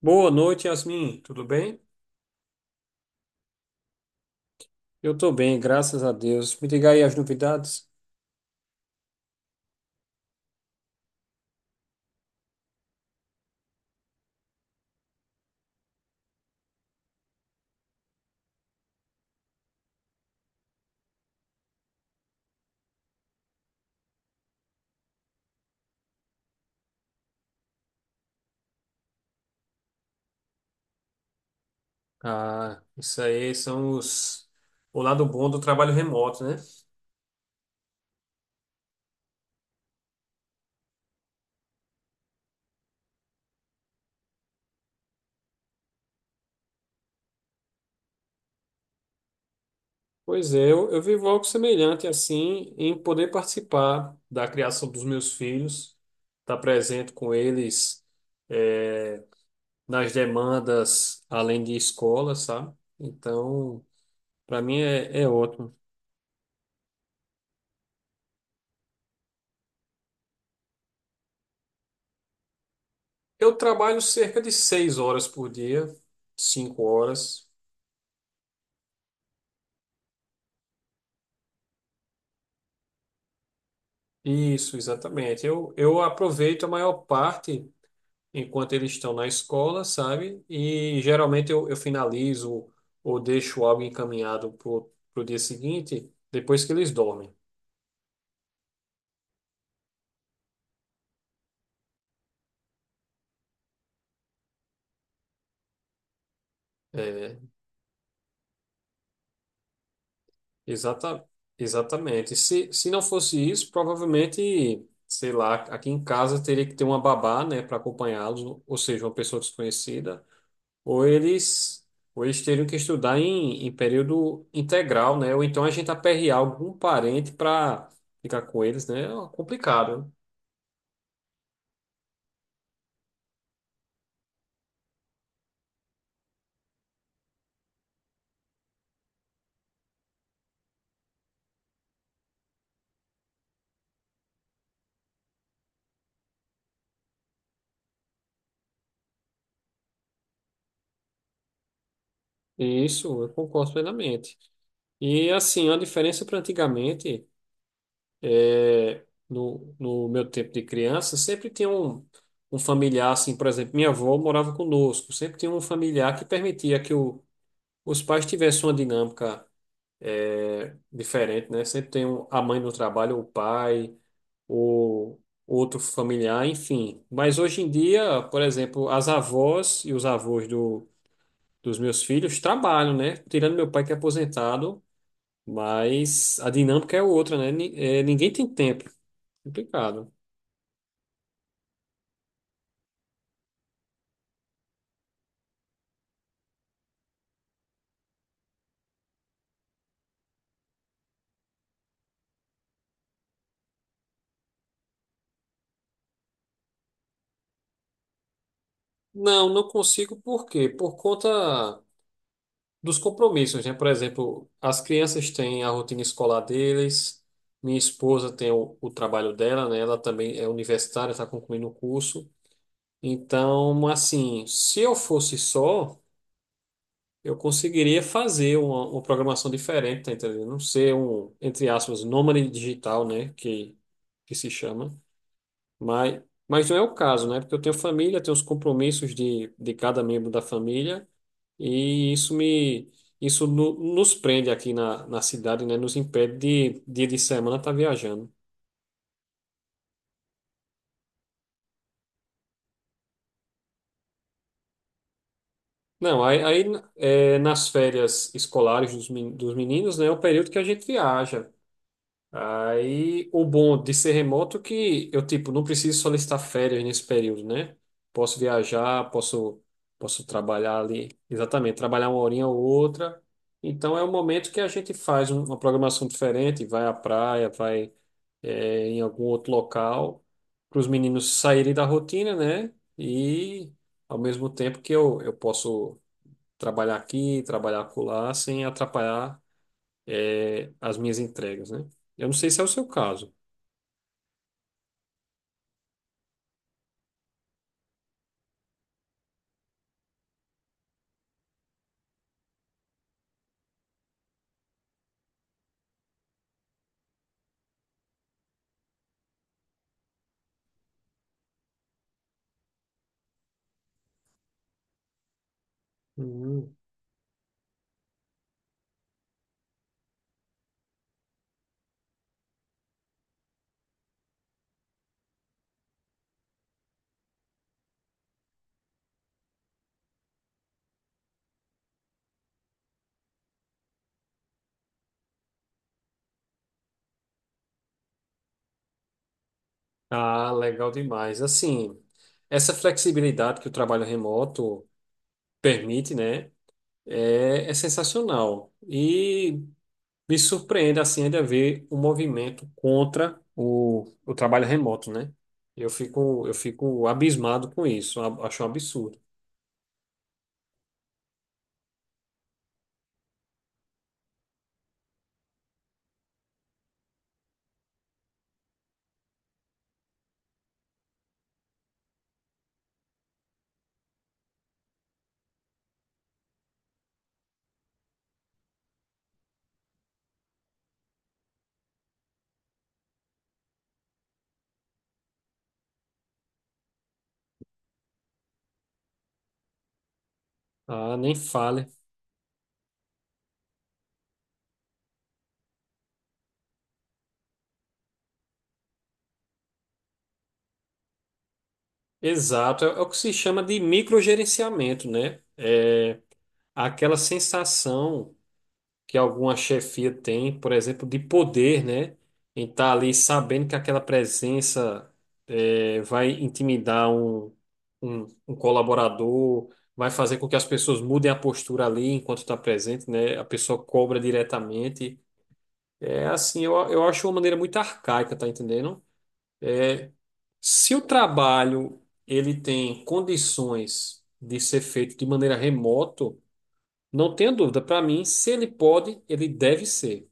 Boa noite, Yasmin. Tudo bem? Eu tô bem, graças a Deus. Me diga aí as novidades. Ah, isso aí são os... o lado bom do trabalho remoto, né? Pois é, eu vivo algo semelhante assim em poder participar da criação dos meus filhos, estar presente com eles eh, nas demandas além de escola, sabe? Então, para mim é, é ótimo. Eu trabalho cerca de 6 horas por dia, 5 horas. Isso, exatamente. Eu aproveito a maior parte enquanto eles estão na escola, sabe? E geralmente eu finalizo ou deixo algo encaminhado pro dia seguinte, depois que eles dormem. É, exata, exatamente. Se não fosse isso, provavelmente, sei lá, aqui em casa teria que ter uma babá, né, para acompanhá-los, ou seja, uma pessoa desconhecida. Ou eles, ou eles teriam que estudar em período integral, né? Ou então a gente aperrear algum parente para ficar com eles, né? É complicado. Isso, eu concordo plenamente. E assim, a diferença para antigamente, é, no meu tempo de criança, sempre tinha um, um familiar, assim, por exemplo, minha avó morava conosco, sempre tinha um familiar que permitia os pais tivessem uma dinâmica. É diferente, né? Sempre tem um, a mãe no trabalho, o pai, ou outro familiar, enfim. Mas hoje em dia, por exemplo, as avós e os avós dos meus filhos trabalham, né? Tirando meu pai que é aposentado, mas a dinâmica é outra, né? Ni- é, ninguém tem tempo. Complicado. Não, não consigo, por quê? Por conta dos compromissos, né? Por exemplo, as crianças têm a rotina escolar deles, minha esposa tem o trabalho dela, né? Ela também é universitária, está concluindo o curso. Então, assim, se eu fosse só, eu conseguiria fazer uma programação diferente, tá entendendo? Não ser um, entre aspas, nômade digital, né? Que se chama. Mas, mas não é o caso, né? Porque eu tenho família, tenho os compromissos de cada membro da família. E isso me isso no- nos prende aqui na cidade, né? Nos impede de dia de semana estar viajando. Não, aí, aí é, nas férias escolares dos, men- dos meninos, né, é o período que a gente viaja. Aí o bom de ser remoto é que eu tipo não preciso solicitar férias nesse período, né? Posso viajar, posso posso trabalhar ali, exatamente, trabalhar uma horinha ou outra. Então é o momento que a gente faz um- uma programação diferente, vai à praia, vai é, em algum outro local, para os meninos saírem da rotina, né? E ao mesmo tempo que eu posso trabalhar aqui, trabalhar acolá, sem atrapalhar, é, as minhas entregas, né? Eu não sei se é o seu caso. Hum. Ah, legal demais. Assim, essa flexibilidade que o trabalho remoto permite, né? É, é sensacional. E me surpreende assim ainda ver o movimento contra o trabalho remoto, né? Eu fico abismado com isso, a- acho um absurdo. Ah, nem fale. Exato, é, é o que se chama de microgerenciamento, né? É aquela sensação que alguma chefia tem, por exemplo, de poder, né? Em estar ali sabendo que aquela presença vai intimidar um colaborador, vai fazer com que as pessoas mudem a postura ali enquanto está presente, né? A pessoa cobra diretamente. É assim, eu acho uma maneira muito arcaica, tá entendendo? Se o trabalho ele tem condições de ser feito de maneira remoto, não tenha dúvida, para mim, se ele pode, ele deve ser.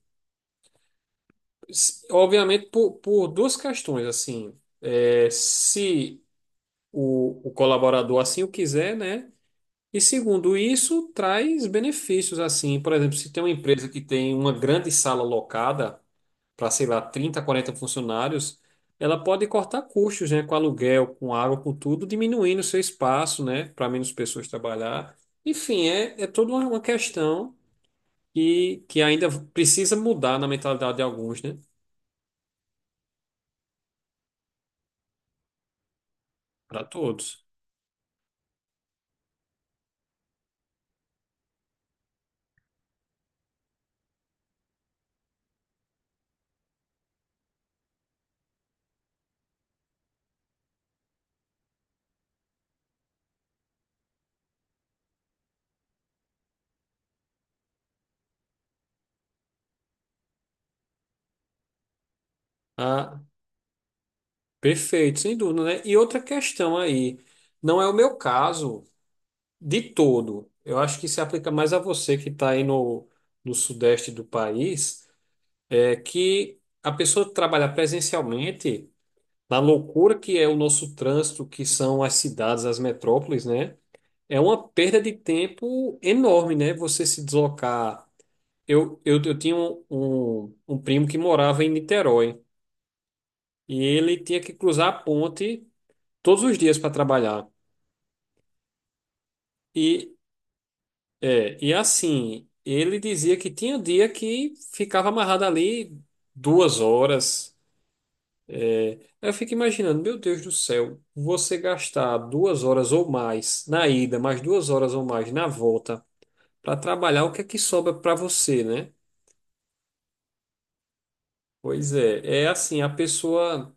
S- obviamente, por duas questões, assim, é, se o colaborador assim o quiser, né? E segundo isso, traz benefícios, assim, por exemplo, se tem uma empresa que tem uma grande sala locada para, sei lá, 30 40 funcionários, ela pode cortar custos, né, com aluguel, com água, com tudo, diminuindo o seu espaço, né, para menos pessoas trabalhar. Enfim, é, é toda uma questão que ainda precisa mudar na mentalidade de alguns, né, para todos. Ah, perfeito, sem dúvida, né? E outra questão aí, não é o meu caso de todo. Eu acho que se aplica mais a você que está aí no sudeste do país, é que a pessoa que trabalha presencialmente, na loucura que é o nosso trânsito, que são as cidades, as metrópoles, né? É uma perda de tempo enorme, né? Você se deslocar. Eu tinha um, um um primo que morava em Niterói. E ele tinha que cruzar a ponte todos os dias para trabalhar. E, é, e assim, ele dizia que tinha dia que ficava amarrado ali 2 horas. Aí eu fico imaginando, meu Deus do céu, você gastar 2 horas ou mais na ida, mais 2 horas ou mais na volta para trabalhar, o que é que sobra para você, né? Pois é, é assim, a pessoa.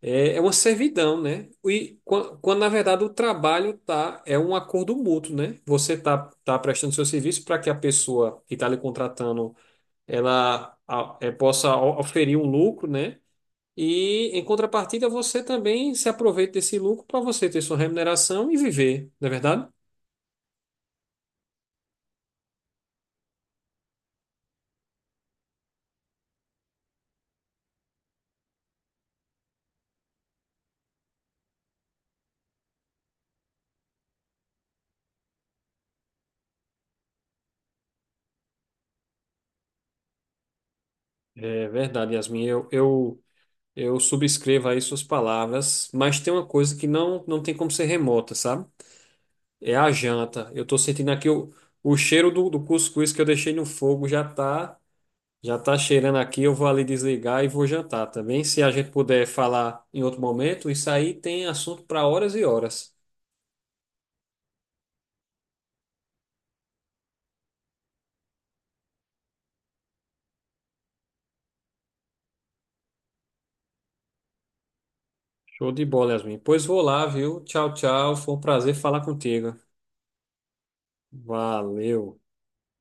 É, é uma servidão, né? E quan- quando, na verdade, o trabalho tá, é um acordo mútuo, né? Tá prestando seu serviço para que a pessoa que está lhe contratando, ela a- é, possa o- oferir um lucro, né? E, em contrapartida, você também se aproveita desse lucro para você ter sua remuneração e viver, não é verdade? É verdade, Yasmin. Eu subscrevo aí suas palavras, mas tem uma coisa que não, não tem como ser remota, sabe? É a janta. Eu tô sentindo aqui o cheiro do cuscuz que eu deixei no fogo já tá cheirando aqui. Eu vou ali desligar e vou jantar também. Se a gente puder falar em outro momento, isso aí tem assunto para horas e horas. Show de bola, Yasmin. Pois vou lá, viu? Tchau, tchau. Foi um prazer falar contigo. Valeu.